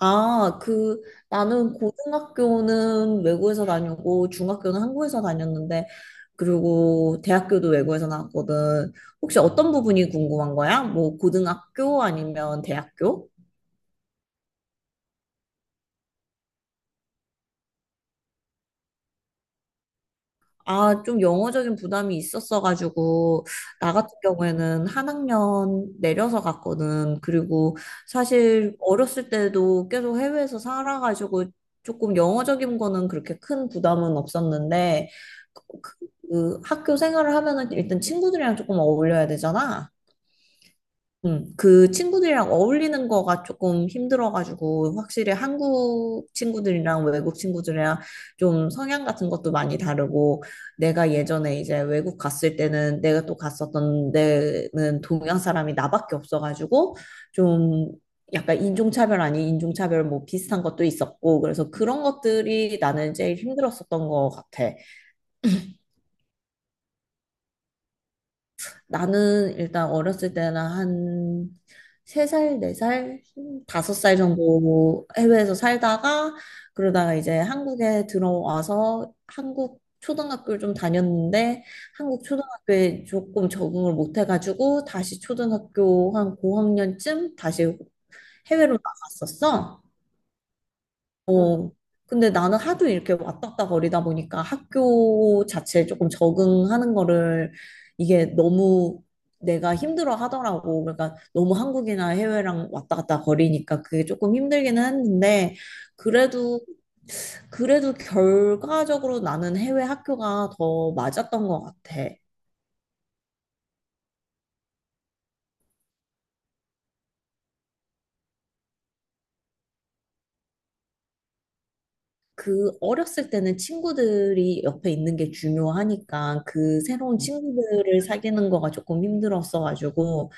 아, 그, 나는 고등학교는 외국에서 다니고, 중학교는 한국에서 다녔는데, 그리고 대학교도 외국에서 나왔거든. 혹시 어떤 부분이 궁금한 거야? 뭐, 고등학교 아니면 대학교? 아, 좀 영어적인 부담이 있었어가지고, 나 같은 경우에는 한 학년 내려서 갔거든. 그리고 사실 어렸을 때도 계속 해외에서 살아가지고, 조금 영어적인 거는 그렇게 큰 부담은 없었는데, 그 학교 생활을 하면은 일단 친구들이랑 조금 어울려야 되잖아. 그 친구들이랑 어울리는 거가 조금 힘들어가지고, 확실히 한국 친구들이랑 외국 친구들이랑 좀 성향 같은 것도 많이 다르고, 내가 예전에 이제 외국 갔을 때는 내가 또 갔었던 데는 동양 사람이 나밖에 없어가지고, 좀 약간 인종차별 아닌 인종차별 뭐 비슷한 것도 있었고, 그래서 그런 것들이 나는 제일 힘들었었던 것 같아. 나는 일단 어렸을 때는 한 세살네살 다섯 살 정도 해외에서 살다가 그러다가 이제 한국에 들어와서 한국 초등학교를 좀 다녔는데 한국 초등학교에 조금 적응을 못 해가지고 다시 초등학교 한 고학년쯤 다시 해외로 나갔었어. 어, 근데 나는 하도 이렇게 왔다 갔다 거리다 보니까 학교 자체에 조금 적응하는 거를 이게 너무 내가 힘들어 하더라고. 그러니까 너무 한국이나 해외랑 왔다 갔다 거리니까 그게 조금 힘들기는 했는데 그래도 결과적으로 나는 해외 학교가 더 맞았던 것 같아. 그 어렸을 때는 친구들이 옆에 있는 게 중요하니까 그 새로운 친구들을 사귀는 거가 조금 힘들었어가지고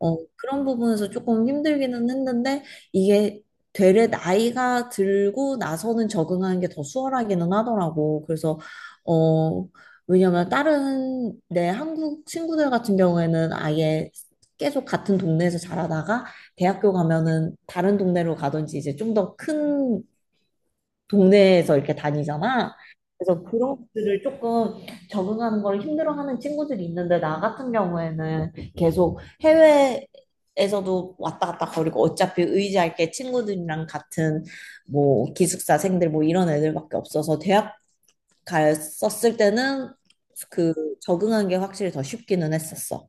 어, 그런 부분에서 조금 힘들기는 했는데, 이게 되레 나이가 들고 나서는 적응하는 게 더 수월하기는 하더라고. 그래서, 어, 왜냐면 다른 내 한국 친구들 같은 경우에는 아예 계속 같은 동네에서 자라다가 대학교 가면은 다른 동네로 가든지 이제 좀더큰 동네에서 이렇게 다니잖아. 그래서 그런 것들을 조금 적응하는 걸 힘들어하는 친구들이 있는데 나 같은 경우에는 계속 해외에서도 왔다 갔다 거리고 어차피 의지할 게 친구들이랑 같은 뭐 기숙사생들 뭐 이런 애들밖에 없어서 대학 갔었을 때는 그 적응한 게 확실히 더 쉽기는 했었어.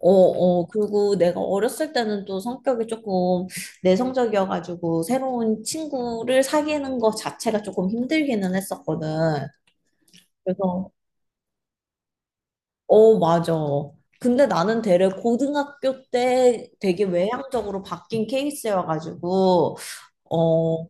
어, 어, 그리고 내가 어렸을 때는 또 성격이 조금 내성적이어가지고 새로운 친구를 사귀는 것 자체가 조금 힘들기는 했었거든. 그래서, 어, 맞아. 근데 나는 되레 고등학교 때 되게 외향적으로 바뀐 케이스여가지고, 어,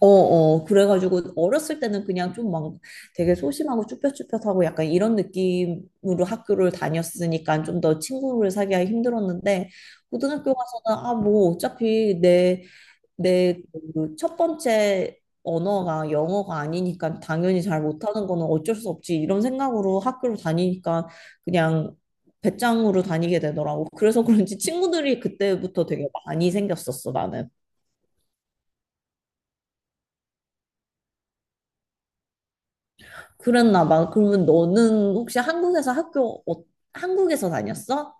어, 그래가지고 어렸을 때는 그냥 좀 막 되게 소심하고 쭈뼛쭈뼛하고 약간 이런 느낌으로 학교를 다녔으니까 좀 더 친구를 사귀기 힘들었는데 고등학교 가서는 아, 뭐 어차피 내 그 첫 번째 언어가 영어가 아니니까 당연히 잘 못하는 거는 어쩔 수 없지 이런 생각으로 학교를 다니니까 그냥 배짱으로 다니게 되더라고. 그래서 그런지 친구들이 그때부터 되게 많이 생겼었어, 나는. 그랬나 봐. 그러면 너는 혹시 한국에서 학교, 한국에서 다녔어?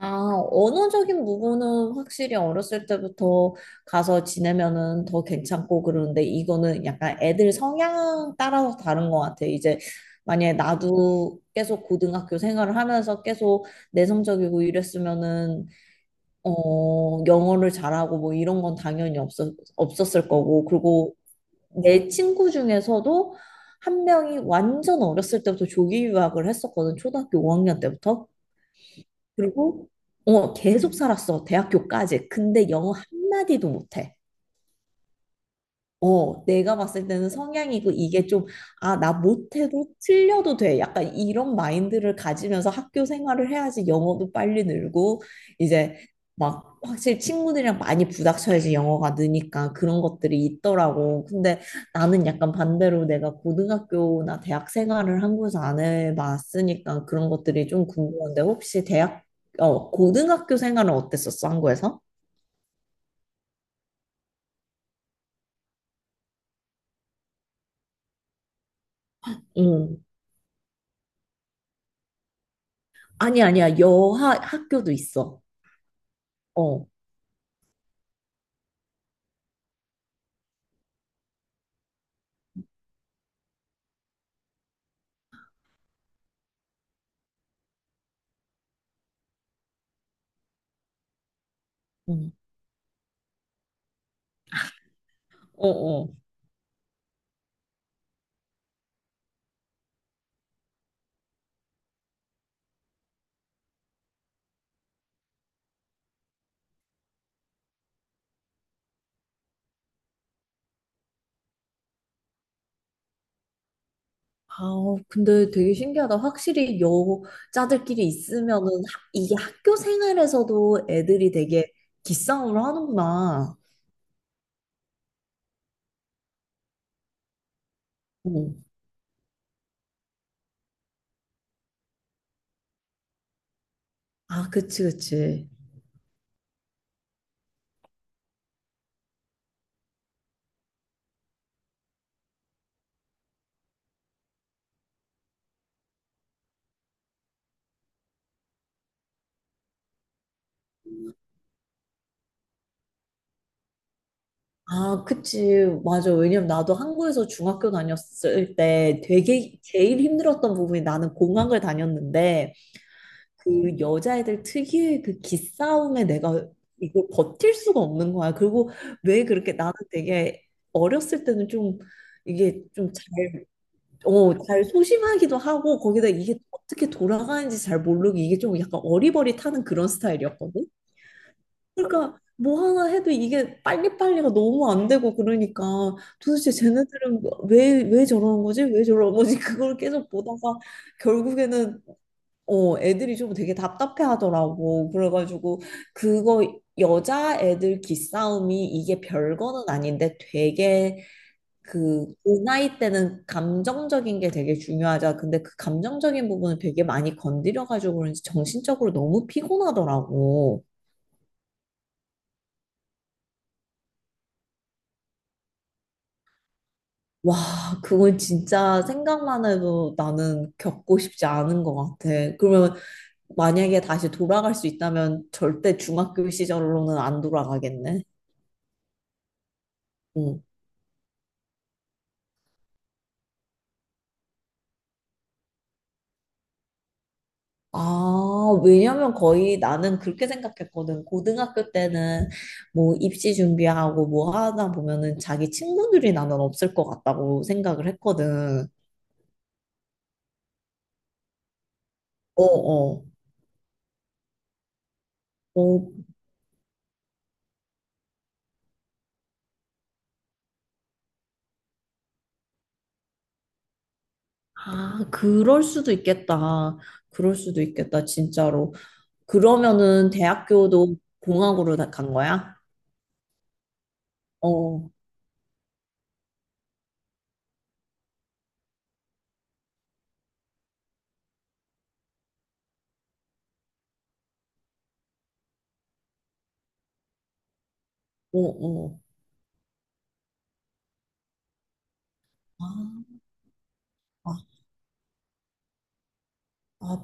아, 언어적인 부분은 확실히 어렸을 때부터 가서 지내면은 더 괜찮고 그러는데 이거는 약간 애들 성향 따라서 다른 것 같아. 이제 만약에 나도 계속 고등학교 생활을 하면서 계속 내성적이고 이랬으면은 어, 영어를 잘하고 뭐 이런 건 당연히 없었을 거고, 그리고 내 친구 중에서도 한 명이 완전 어렸을 때부터 조기 유학을 했었거든. 초등학교 5학년 때부터. 그리고 어, 계속 살았어. 대학교까지. 근데 영어 한마디도 못해. 어, 내가 봤을 때는 성향이고 이게 좀, 아, 나 못해도 틀려도 돼. 약간 이런 마인드를 가지면서 학교 생활을 해야지 영어도 빨리 늘고, 이제 막 확실히 친구들이랑 많이 부닥쳐야지 영어가 느니까 그런 것들이 있더라고. 근데 나는 약간 반대로 내가 고등학교나 대학 생활을 한국에서 안 해봤으니까 그런 것들이 좀 궁금한데, 어, 고등학교 생활은 어땠었어, 한국에서? 응. 아니, 아니야. 여하 학교도 있어. 어. 응. 어, 어. 아우, 근데 되게 신기하다. 확실히 여자들끼리 있으면은 이게 학교 생활에서도 애들이 되게 기싸움을 하는구나. 응. 아, 그치, 그치. 아, 그치. 맞아. 왜냐면 나도 한국에서 중학교 다녔을 때 되게 제일 힘들었던 부분이 나는 공항을 다녔는데 그 여자애들 특유의 그 기싸움에 내가 이걸 버틸 수가 없는 거야. 그리고 왜 그렇게 나는 되게 어렸을 때는 좀 이게 좀 잘, 어, 잘 소심하기도 하고 거기다 이게 어떻게 돌아가는지 잘 모르고 이게 좀 약간 어리버리타는 그런 스타일이었거든. 그러니까 뭐 하나 해도 이게 빨리빨리가 너무 안 되고 그러니까 도대체 쟤네들은 왜 저러는 거지? 왜 저러는 거지? 그걸 계속 보다가 결국에는 어, 애들이 좀 되게 답답해 하더라고. 그래가지고, 그거, 여자 애들 기싸움이 이게 별거는 아닌데 되게 그 나이 때는 감정적인 게 되게 중요하자. 근데 그 감정적인 부분을 되게 많이 건드려가지고 그런지 정신적으로 너무 피곤하더라고. 와, 그건 진짜 생각만 해도 나는 겪고 싶지 않은 것 같아. 그러면 만약에 다시 돌아갈 수 있다면 절대 중학교 시절로는 안 돌아가겠네. 응. 아, 왜냐면 거의 나는 그렇게 생각했거든. 고등학교 때는 뭐 입시 준비하고 뭐 하다 보면은 자기 친구들이 나는 없을 것 같다고 생각을 했거든. 어, 어. 어, 아, 그럴 수도 있겠다. 그럴 수도 있겠다, 진짜로. 그러면은 대학교도 공학으로 다 간 거야? 어, 어, 어. 아, 아, 아,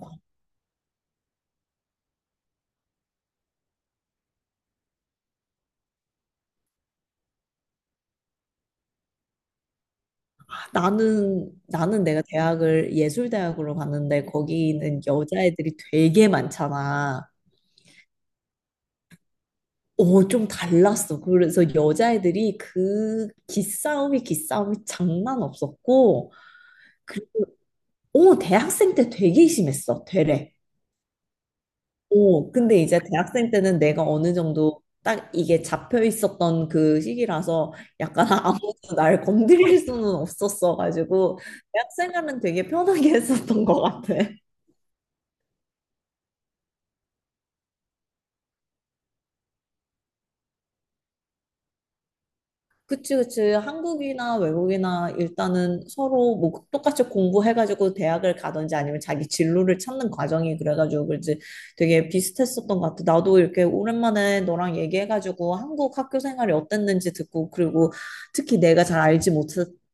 나는 내가 대학을 예술대학으로 갔는데 거기는 여자애들이 되게 많잖아. 어, 좀 달랐어. 그래서 여자애들이 그 기싸움이 장난 없었고, 그, 어, 대학생 때 되게 심했어. 되레. 어, 근데 이제 대학생 때는 내가 어느 정도 딱 이게 잡혀 있었던 그 시기라서 약간 아무도 날 건드릴 수는 없었어가지고 대학생활은 되게 편하게 했었던 것 같아. 그치, 그치. 한국이나 외국이나 일단은 서로 뭐 똑같이 공부해가지고 대학을 가든지 아니면 자기 진로를 찾는 과정이 그래가지고 그지 되게 비슷했었던 것 같아. 나도 이렇게 오랜만에 너랑 얘기해가지고 한국 학교 생활이 어땠는지 듣고 그리고 특히 내가 잘 알지 못,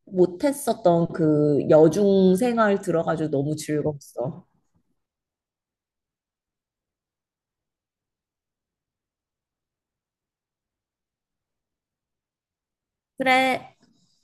못했었던 그 여중 생활 들어가지고 너무 즐거웠어. 그래.